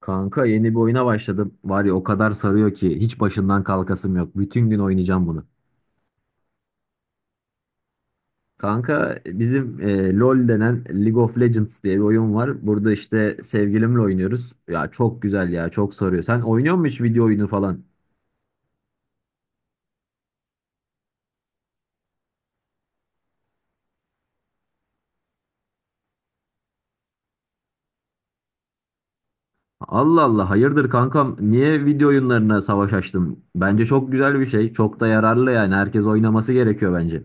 Kanka yeni bir oyuna başladım. Var ya o kadar sarıyor ki hiç başından kalkasım yok. Bütün gün oynayacağım bunu. Kanka bizim LoL denen League of Legends diye bir oyun var. Burada işte sevgilimle oynuyoruz. Ya çok güzel ya çok sarıyor. Sen oynuyor musun hiç video oyunu falan? Allah Allah hayırdır kankam niye video oyunlarına savaş açtın? Bence çok güzel bir şey. Çok da yararlı yani herkes oynaması gerekiyor bence.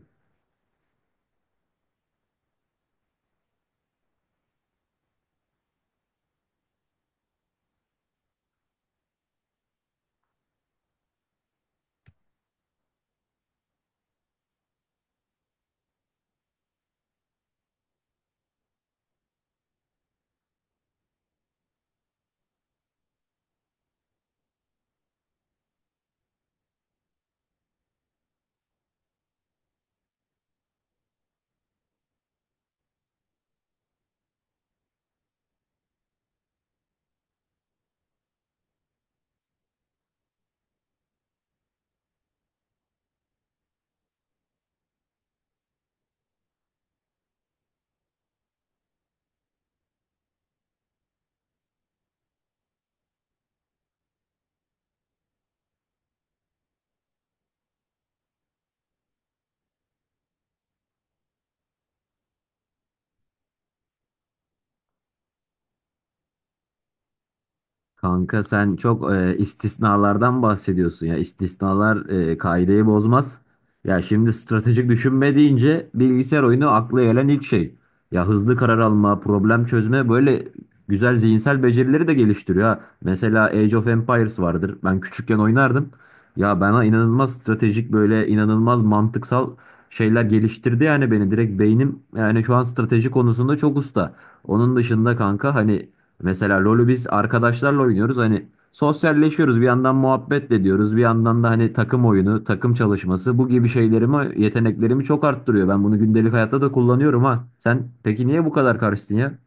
Kanka sen çok istisnalardan bahsediyorsun ya. İstisnalar kaideyi bozmaz. Ya şimdi stratejik düşünme deyince bilgisayar oyunu akla gelen ilk şey. Ya hızlı karar alma, problem çözme böyle güzel zihinsel becerileri de geliştiriyor ha. Mesela Age of Empires vardır. Ben küçükken oynardım. Ya bana inanılmaz stratejik böyle inanılmaz mantıksal şeyler geliştirdi yani beni direkt beynim yani şu an strateji konusunda çok usta. Onun dışında kanka hani mesela LoL'ü biz arkadaşlarla oynuyoruz. Hani sosyalleşiyoruz. Bir yandan muhabbet de ediyoruz. Bir yandan da hani takım oyunu, takım çalışması bu gibi şeylerimi, yeteneklerimi çok arttırıyor. Ben bunu gündelik hayatta da kullanıyorum ha. Sen peki niye bu kadar karşısın ya?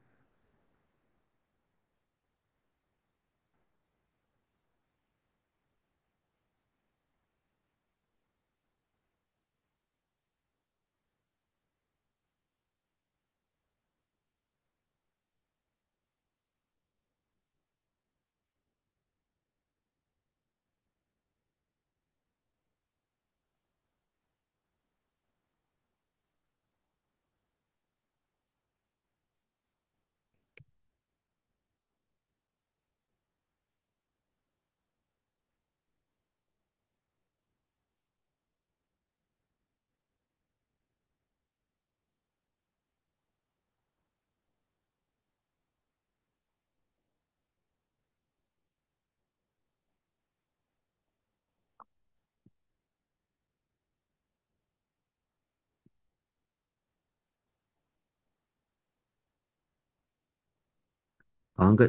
Kanka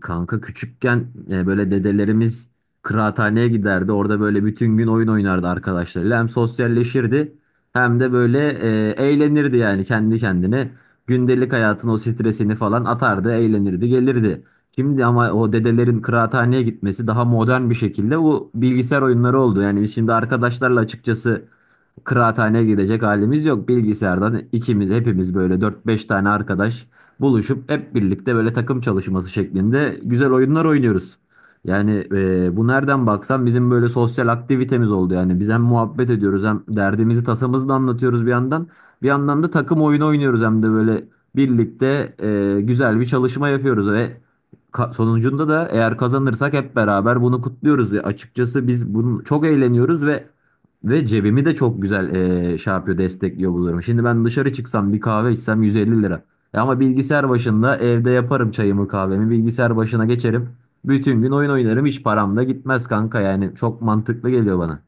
Kanka küçükken böyle dedelerimiz kıraathaneye giderdi. Orada böyle bütün gün oyun oynardı arkadaşlarıyla. Hem sosyalleşirdi hem de böyle eğlenirdi yani kendi kendine. Gündelik hayatın o stresini falan atardı, eğlenirdi, gelirdi. Şimdi ama o dedelerin kıraathaneye gitmesi daha modern bir şekilde bu bilgisayar oyunları oldu. Yani biz şimdi arkadaşlarla açıkçası kıraathaneye gidecek halimiz yok. Bilgisayardan ikimiz hepimiz böyle dört beş tane arkadaş buluşup hep birlikte böyle takım çalışması şeklinde güzel oyunlar oynuyoruz. Yani bu nereden baksan bizim böyle sosyal aktivitemiz oldu yani. Biz hem muhabbet ediyoruz hem derdimizi tasamızı da anlatıyoruz bir yandan. Bir yandan da takım oyunu oynuyoruz hem de böyle birlikte güzel bir çalışma yapıyoruz ve sonucunda da eğer kazanırsak hep beraber bunu kutluyoruz. Ve açıkçası biz bunu çok eğleniyoruz ve cebimi de çok güzel şey yapıyor, destekliyor bu durum. Şimdi ben dışarı çıksam bir kahve içsem 150 lira. E ama bilgisayar başında evde yaparım çayımı kahvemi bilgisayar başına geçerim. Bütün gün oyun oynarım hiç param da gitmez kanka yani çok mantıklı geliyor bana.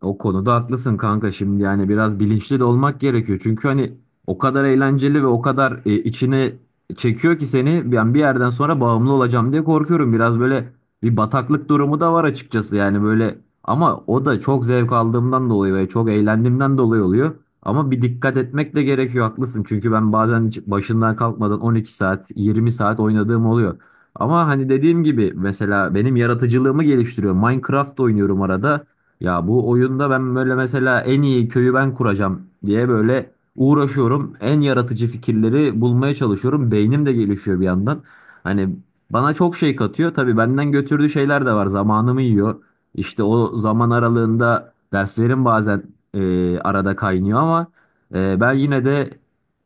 O konuda haklısın kanka şimdi yani biraz bilinçli de olmak gerekiyor. Çünkü hani o kadar eğlenceli ve o kadar içine çekiyor ki seni ben bir yerden sonra bağımlı olacağım diye korkuyorum. Biraz böyle bir bataklık durumu da var açıkçası yani böyle ama o da çok zevk aldığımdan dolayı ve çok eğlendiğimden dolayı oluyor. Ama bir dikkat etmek de gerekiyor haklısın. Çünkü ben bazen hiç başından kalkmadan 12 saat 20 saat oynadığım oluyor. Ama hani dediğim gibi mesela benim yaratıcılığımı geliştiriyor. Minecraft oynuyorum arada. Ya bu oyunda ben böyle mesela en iyi köyü ben kuracağım diye böyle uğraşıyorum. En yaratıcı fikirleri bulmaya çalışıyorum. Beynim de gelişiyor bir yandan. Hani bana çok şey katıyor. Tabii benden götürdüğü şeyler de var. Zamanımı yiyor. İşte o zaman aralığında derslerim bazen arada kaynıyor ama ben yine de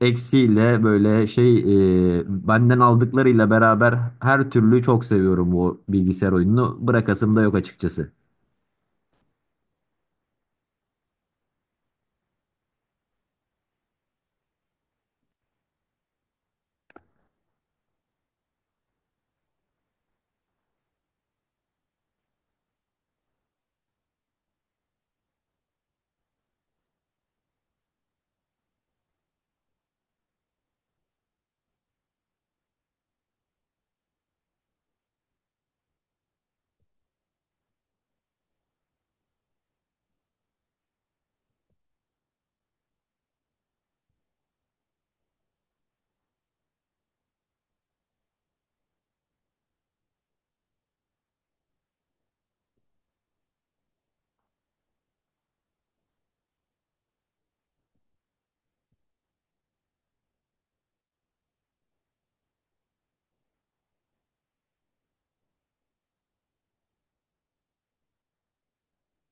eksiyle böyle şey benden aldıklarıyla beraber her türlü çok seviyorum bu bilgisayar oyununu. Bırakasım da yok açıkçası.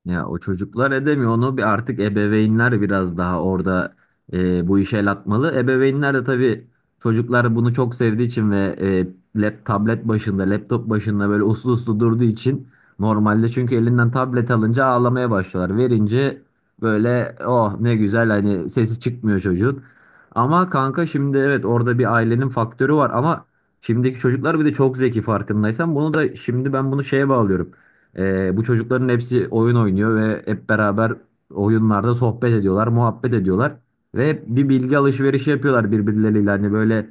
Ya o çocuklar edemiyor onu bir artık ebeveynler biraz daha orada bu işe el atmalı. Ebeveynler de tabii çocuklar bunu çok sevdiği için ve tablet başında, laptop başında böyle uslu uslu durduğu için normalde çünkü elinden tablet alınca ağlamaya başlıyorlar. Verince böyle oh ne güzel hani sesi çıkmıyor çocuğun. Ama kanka şimdi evet orada bir ailenin faktörü var ama şimdiki çocuklar bir de çok zeki farkındaysan bunu da şimdi ben bunu şeye bağlıyorum. Bu çocukların hepsi oyun oynuyor ve hep beraber oyunlarda sohbet ediyorlar, muhabbet ediyorlar ve hep bir bilgi alışverişi yapıyorlar birbirleriyle. Hani böyle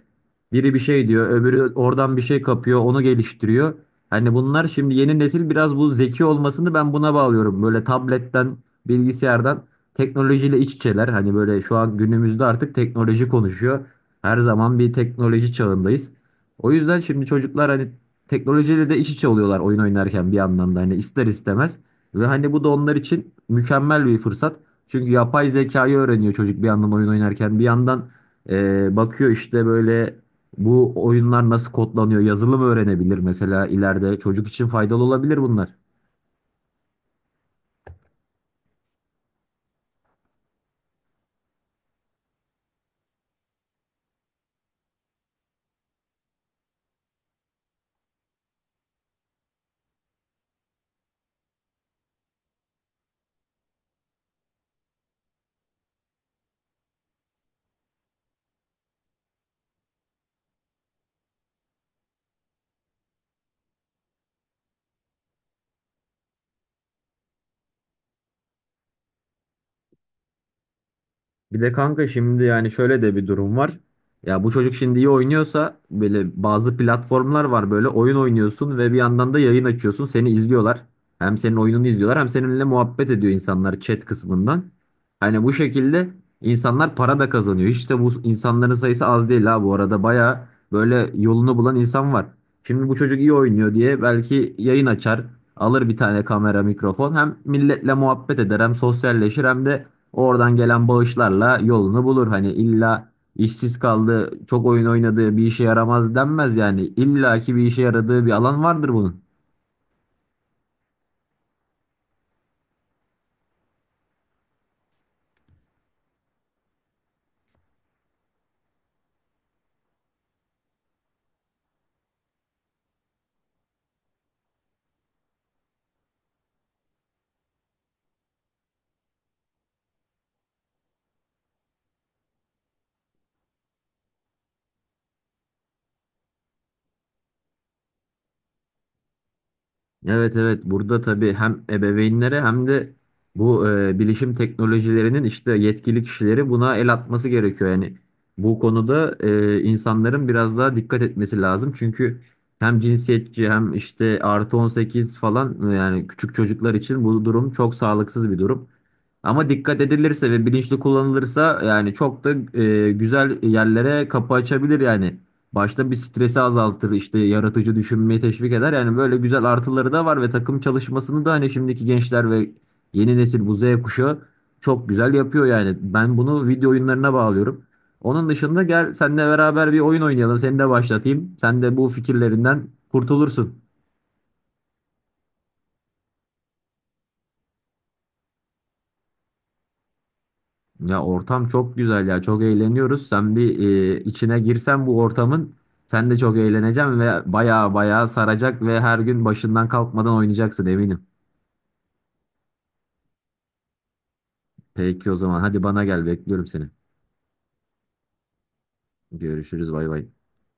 biri bir şey diyor, öbürü oradan bir şey kapıyor, onu geliştiriyor. Hani bunlar şimdi yeni nesil biraz bu zeki olmasını ben buna bağlıyorum. Böyle tabletten, bilgisayardan teknolojiyle iç içeler. Hani böyle şu an günümüzde artık teknoloji konuşuyor. Her zaman bir teknoloji çağındayız. O yüzden şimdi çocuklar hani teknolojiyle de iç içe oluyorlar oyun oynarken bir yandan da hani ister istemez ve hani bu da onlar için mükemmel bir fırsat. Çünkü yapay zekayı öğreniyor çocuk bir yandan oyun oynarken bir yandan bakıyor işte böyle bu oyunlar nasıl kodlanıyor yazılım öğrenebilir mesela ileride çocuk için faydalı olabilir bunlar. Bir de kanka şimdi yani şöyle de bir durum var. Ya bu çocuk şimdi iyi oynuyorsa böyle bazı platformlar var böyle oyun oynuyorsun ve bir yandan da yayın açıyorsun seni izliyorlar. Hem senin oyununu izliyorlar hem seninle muhabbet ediyor insanlar chat kısmından. Hani bu şekilde insanlar para da kazanıyor. Hiç de bu insanların sayısı az değil ha bu arada baya böyle yolunu bulan insan var. Şimdi bu çocuk iyi oynuyor diye belki yayın açar alır bir tane kamera mikrofon hem milletle muhabbet eder hem sosyalleşir hem de oradan gelen bağışlarla yolunu bulur. Hani illa işsiz kaldı, çok oyun oynadığı bir işe yaramaz denmez yani. İlla ki bir işe yaradığı bir alan vardır bunun. Evet, evet, burada tabii hem ebeveynlere hem de bu bilişim teknolojilerinin işte yetkili kişileri buna el atması gerekiyor. Yani bu konuda insanların biraz daha dikkat etmesi lazım. Çünkü hem cinsiyetçi hem işte +18 falan yani küçük çocuklar için bu durum çok sağlıksız bir durum. Ama dikkat edilirse ve bilinçli kullanılırsa yani çok da güzel yerlere kapı açabilir yani. Başta bir stresi azaltır, işte yaratıcı düşünmeyi teşvik eder. Yani böyle güzel artıları da var ve takım çalışmasını da hani şimdiki gençler ve yeni nesil bu Z kuşağı çok güzel yapıyor yani. Ben bunu video oyunlarına bağlıyorum. Onun dışında gel seninle beraber bir oyun oynayalım. Seni de başlatayım. Sen de bu fikirlerinden kurtulursun. Ya ortam çok güzel ya. Çok eğleniyoruz. Sen bir içine girsen bu ortamın sen de çok eğleneceksin ve baya baya saracak ve her gün başından kalkmadan oynayacaksın eminim. Peki o zaman hadi bana gel bekliyorum seni. Görüşürüz, bay bay.